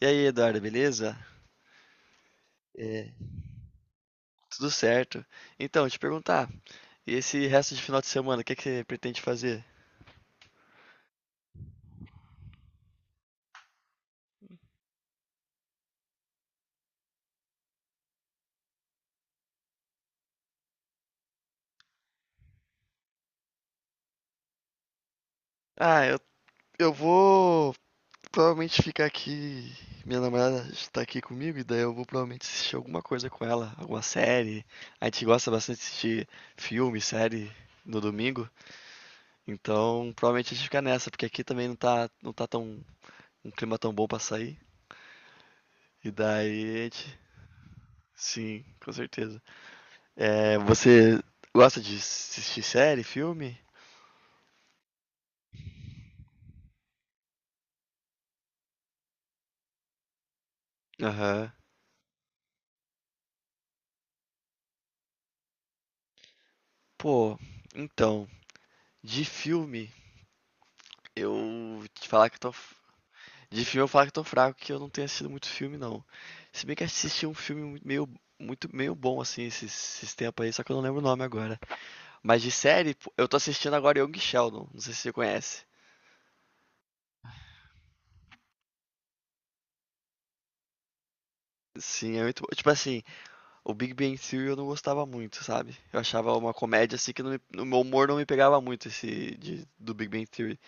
E aí, Eduardo, beleza? É, tudo certo. Então, te perguntar, e esse resto de final de semana, o que é que você pretende fazer? Ah, eu vou provavelmente ficar aqui. Minha namorada está aqui comigo, e daí eu vou provavelmente assistir alguma coisa com ela, alguma série. A gente gosta bastante de assistir filme, série no domingo, então provavelmente a gente fica nessa, porque aqui também não tá tão, um clima tão bom pra sair. E daí a gente. Sim, com certeza. É, você gosta de assistir série, filme? Aham. Pô, então, de filme, eu te falar que eu tô. F- De filme eu falar que eu tô fraco, que eu não tenho assistido muito filme, não. Se bem que eu assisti um filme muito meio bom, assim, esses tempos aí, só que eu não lembro o nome agora. Mas de série, pô, eu tô assistindo agora Young Sheldon, não sei se você conhece. Sim. Tipo assim, o Big Bang Theory eu não gostava muito, sabe? Eu achava uma comédia assim que no meu humor não me pegava muito esse do Big Bang Theory.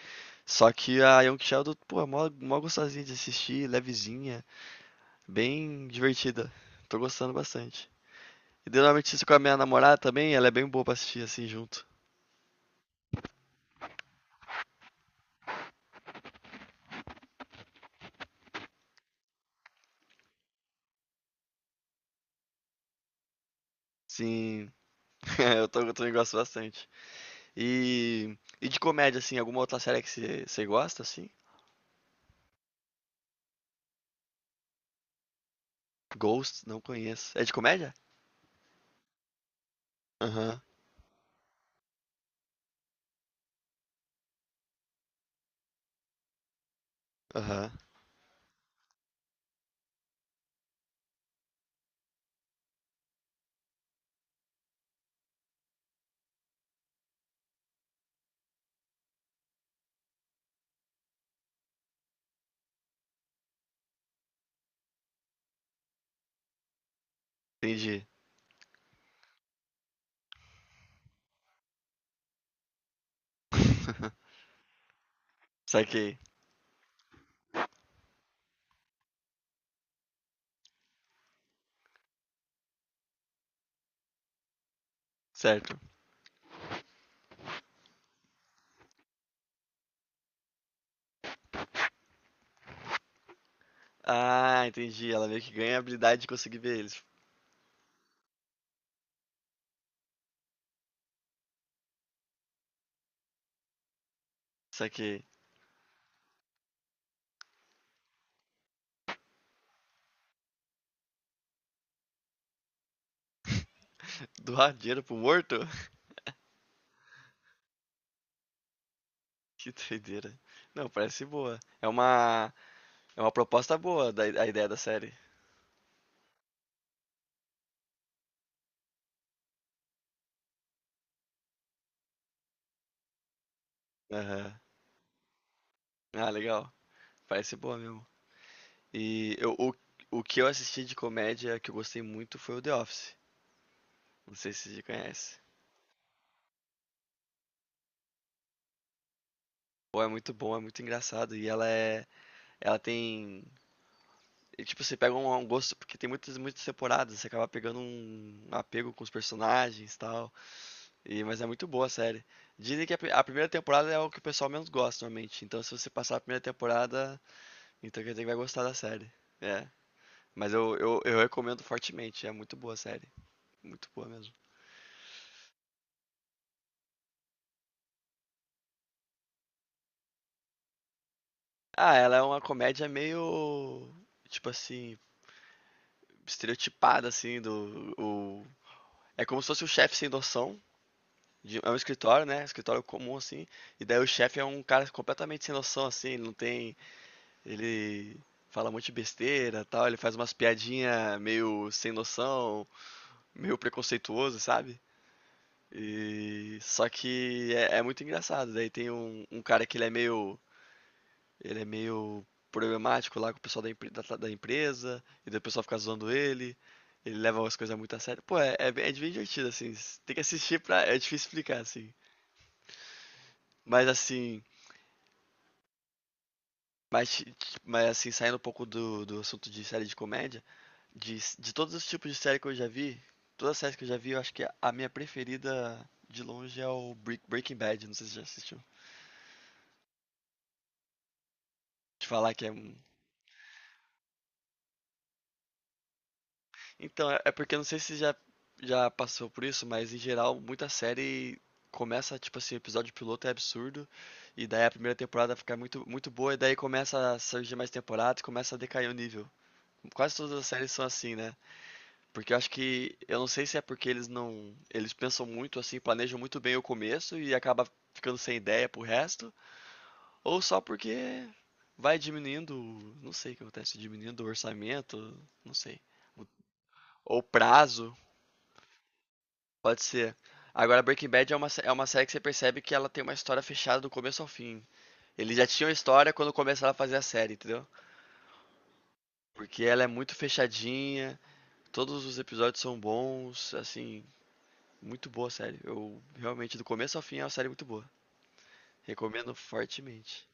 Só que a Young Sheldon, pô, é mó gostosinha de assistir, levezinha, bem divertida. Tô gostando bastante. E daí, normalmente assisto com a minha namorada também, ela é bem boa pra assistir assim junto. Sim, eu também gosto bastante. E de comédia, assim, alguma outra série que você gosta, assim? Ghost, não conheço. É de comédia? Aham, aham, entendi. Saquei, certo. Ah, entendi. Ela meio que ganha a habilidade de conseguir ver eles. Saquei. Doar dinheiro pro morto? Que doideira. Não, parece boa. É uma proposta boa da, a ideia da série. Aham. Ah, legal. Parece boa mesmo. E o que eu assisti de comédia que eu gostei muito foi o The Office. Não sei se você conhece. Pô, é muito bom, é muito engraçado. E ela é. Ela tem. E, tipo, você pega um gosto, porque tem muitas temporadas, você acaba pegando um apego com os personagens e tal. E, mas é muito boa a série. Dizem que a primeira temporada é o que o pessoal menos gosta normalmente. Então, se você passar a primeira temporada, então quer dizer que vai gostar da série. É. Mas eu recomendo fortemente. É muito boa a série. Muito boa mesmo. Ah, ela é uma comédia meio. Tipo assim. Estereotipada, assim. Do, o... É como se fosse o chefe sem noção. É um escritório, né? Escritório comum, assim. E daí o chefe é um cara completamente sem noção, assim. Ele não tem. Ele fala um monte de besteira tal. Ele faz umas piadinhas meio sem noção, meio preconceituoso, sabe? E só que é muito engraçado. Daí tem um cara que ele é meio problemático lá com o pessoal da empresa, e daí o pessoal fica zoando ele. Ele leva as coisas muito a sério. Pô, é bem divertido, assim. Tem que assistir pra. É difícil explicar, assim. Mas assim. Mas assim, saindo um pouco do assunto de série de comédia, de todos os tipos de série que eu já vi, todas as séries que eu já vi, eu acho que a minha preferida de longe é o Breaking Bad. Não sei se você já assistiu. Te falar que é um- Então, é porque eu não sei se já já passou por isso, mas em geral, muita série começa, tipo assim, o episódio piloto é absurdo, e daí a primeira temporada fica muito boa, e daí começa a surgir mais temporadas e começa a decair o nível. Quase todas as séries são assim, né? Porque eu acho que, eu não sei se é porque eles não, eles pensam muito assim, planejam muito bem o começo e acaba ficando sem ideia pro resto, ou só porque vai diminuindo, não sei o que acontece, diminuindo o orçamento, não sei, o- ou prazo. Pode ser. Agora Breaking Bad é uma série que você percebe que ela tem uma história fechada do começo ao fim. Eles já tinham a história quando começaram a fazer a série, entendeu? Porque ela é muito fechadinha, todos os episódios são bons, assim, muito boa a série. Eu realmente, do começo ao fim, é uma série muito boa. Recomendo fortemente.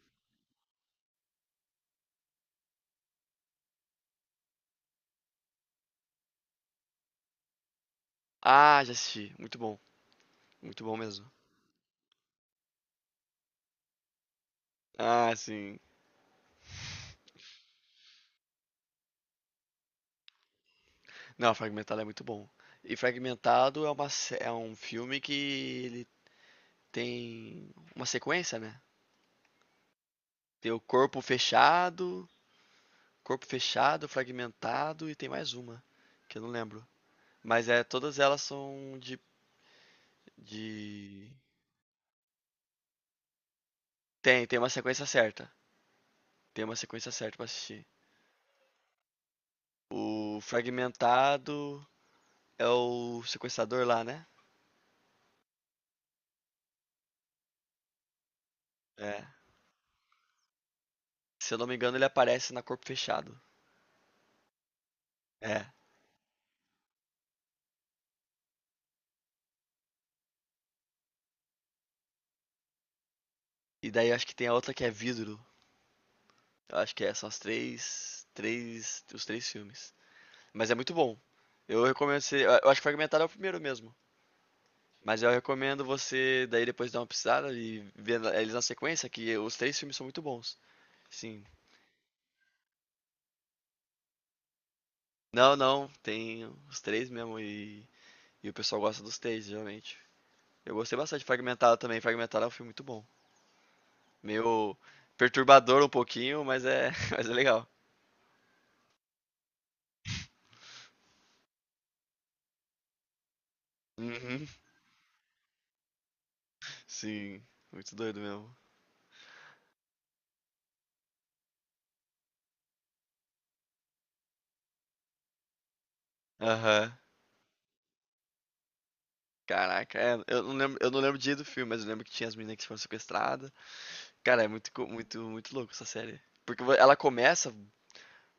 Ah, já assisti. Muito bom. Muito bom mesmo. Ah, sim. Não, Fragmentado é muito bom. E Fragmentado é um filme que ele tem uma sequência, né? Tem o corpo fechado, fragmentado e tem mais uma, que eu não lembro. Mas é, todas elas são de... Tem, tem uma sequência certa. Tem uma sequência certa pra assistir. O fragmentado é o sequestrador lá, né? É. Se eu não me engano, ele aparece na corpo fechado. É. E daí acho que tem a outra que é vidro. Eu acho que é, são as três, os três filmes. Mas é muito bom. Eu recomendo, eu acho que fragmentado é o primeiro mesmo. Mas eu recomendo você daí depois dar uma pesquisada e ver eles na sequência, que os três filmes são muito bons. Sim. Não, tem os três mesmo e o pessoal gosta dos três, geralmente. Eu gostei bastante de Fragmentado também. Fragmentado é um filme muito bom. Meio perturbador um pouquinho, mas é, mas é legal. Uhum. Sim, muito doido mesmo. Aham. Caraca, é, eu não lembro o dia do filme, mas eu lembro que tinha as meninas que foram sequestradas. Cara, é muito louco essa série. Porque ela começa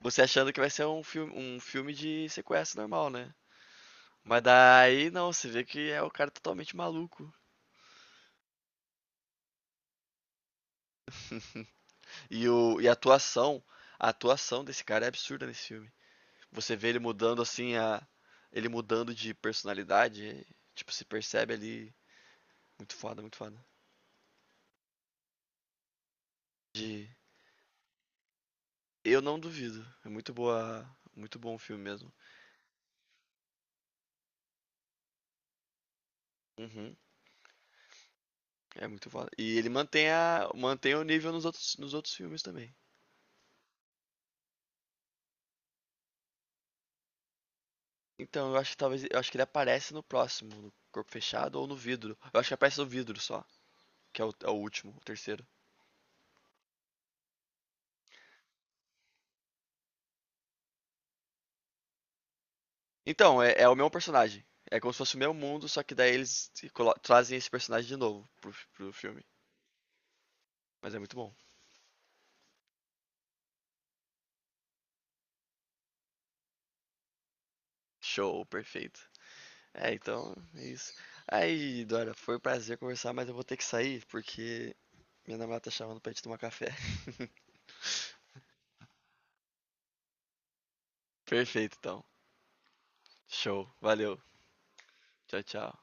você achando que vai ser um filme de sequestro normal, né? Mas daí não, você vê que é o cara totalmente maluco. E a atuação desse cara é absurda nesse filme. Você vê ele mudando de personalidade, tipo, se percebe ali muito foda. De eu não duvido. É muito boa, muito bom o filme mesmo. Uhum, é muito foda. E ele mantém o nível nos outros filmes também. Então, eu acho que talvez, eu acho que ele aparece no próximo, no corpo fechado ou no vidro. Eu acho que aparece no vidro só, que é o último, o terceiro. Então, é, é o mesmo personagem. É como se fosse o mesmo mundo, só que daí eles se colo- trazem esse personagem de novo pro filme. Mas é muito bom. Show, perfeito. É, então, é isso. Aí, Dora, foi um prazer conversar, mas eu vou ter que sair porque minha namorada tá chamando pra gente tomar café. Perfeito, então. Show, valeu. Tchau, tchau.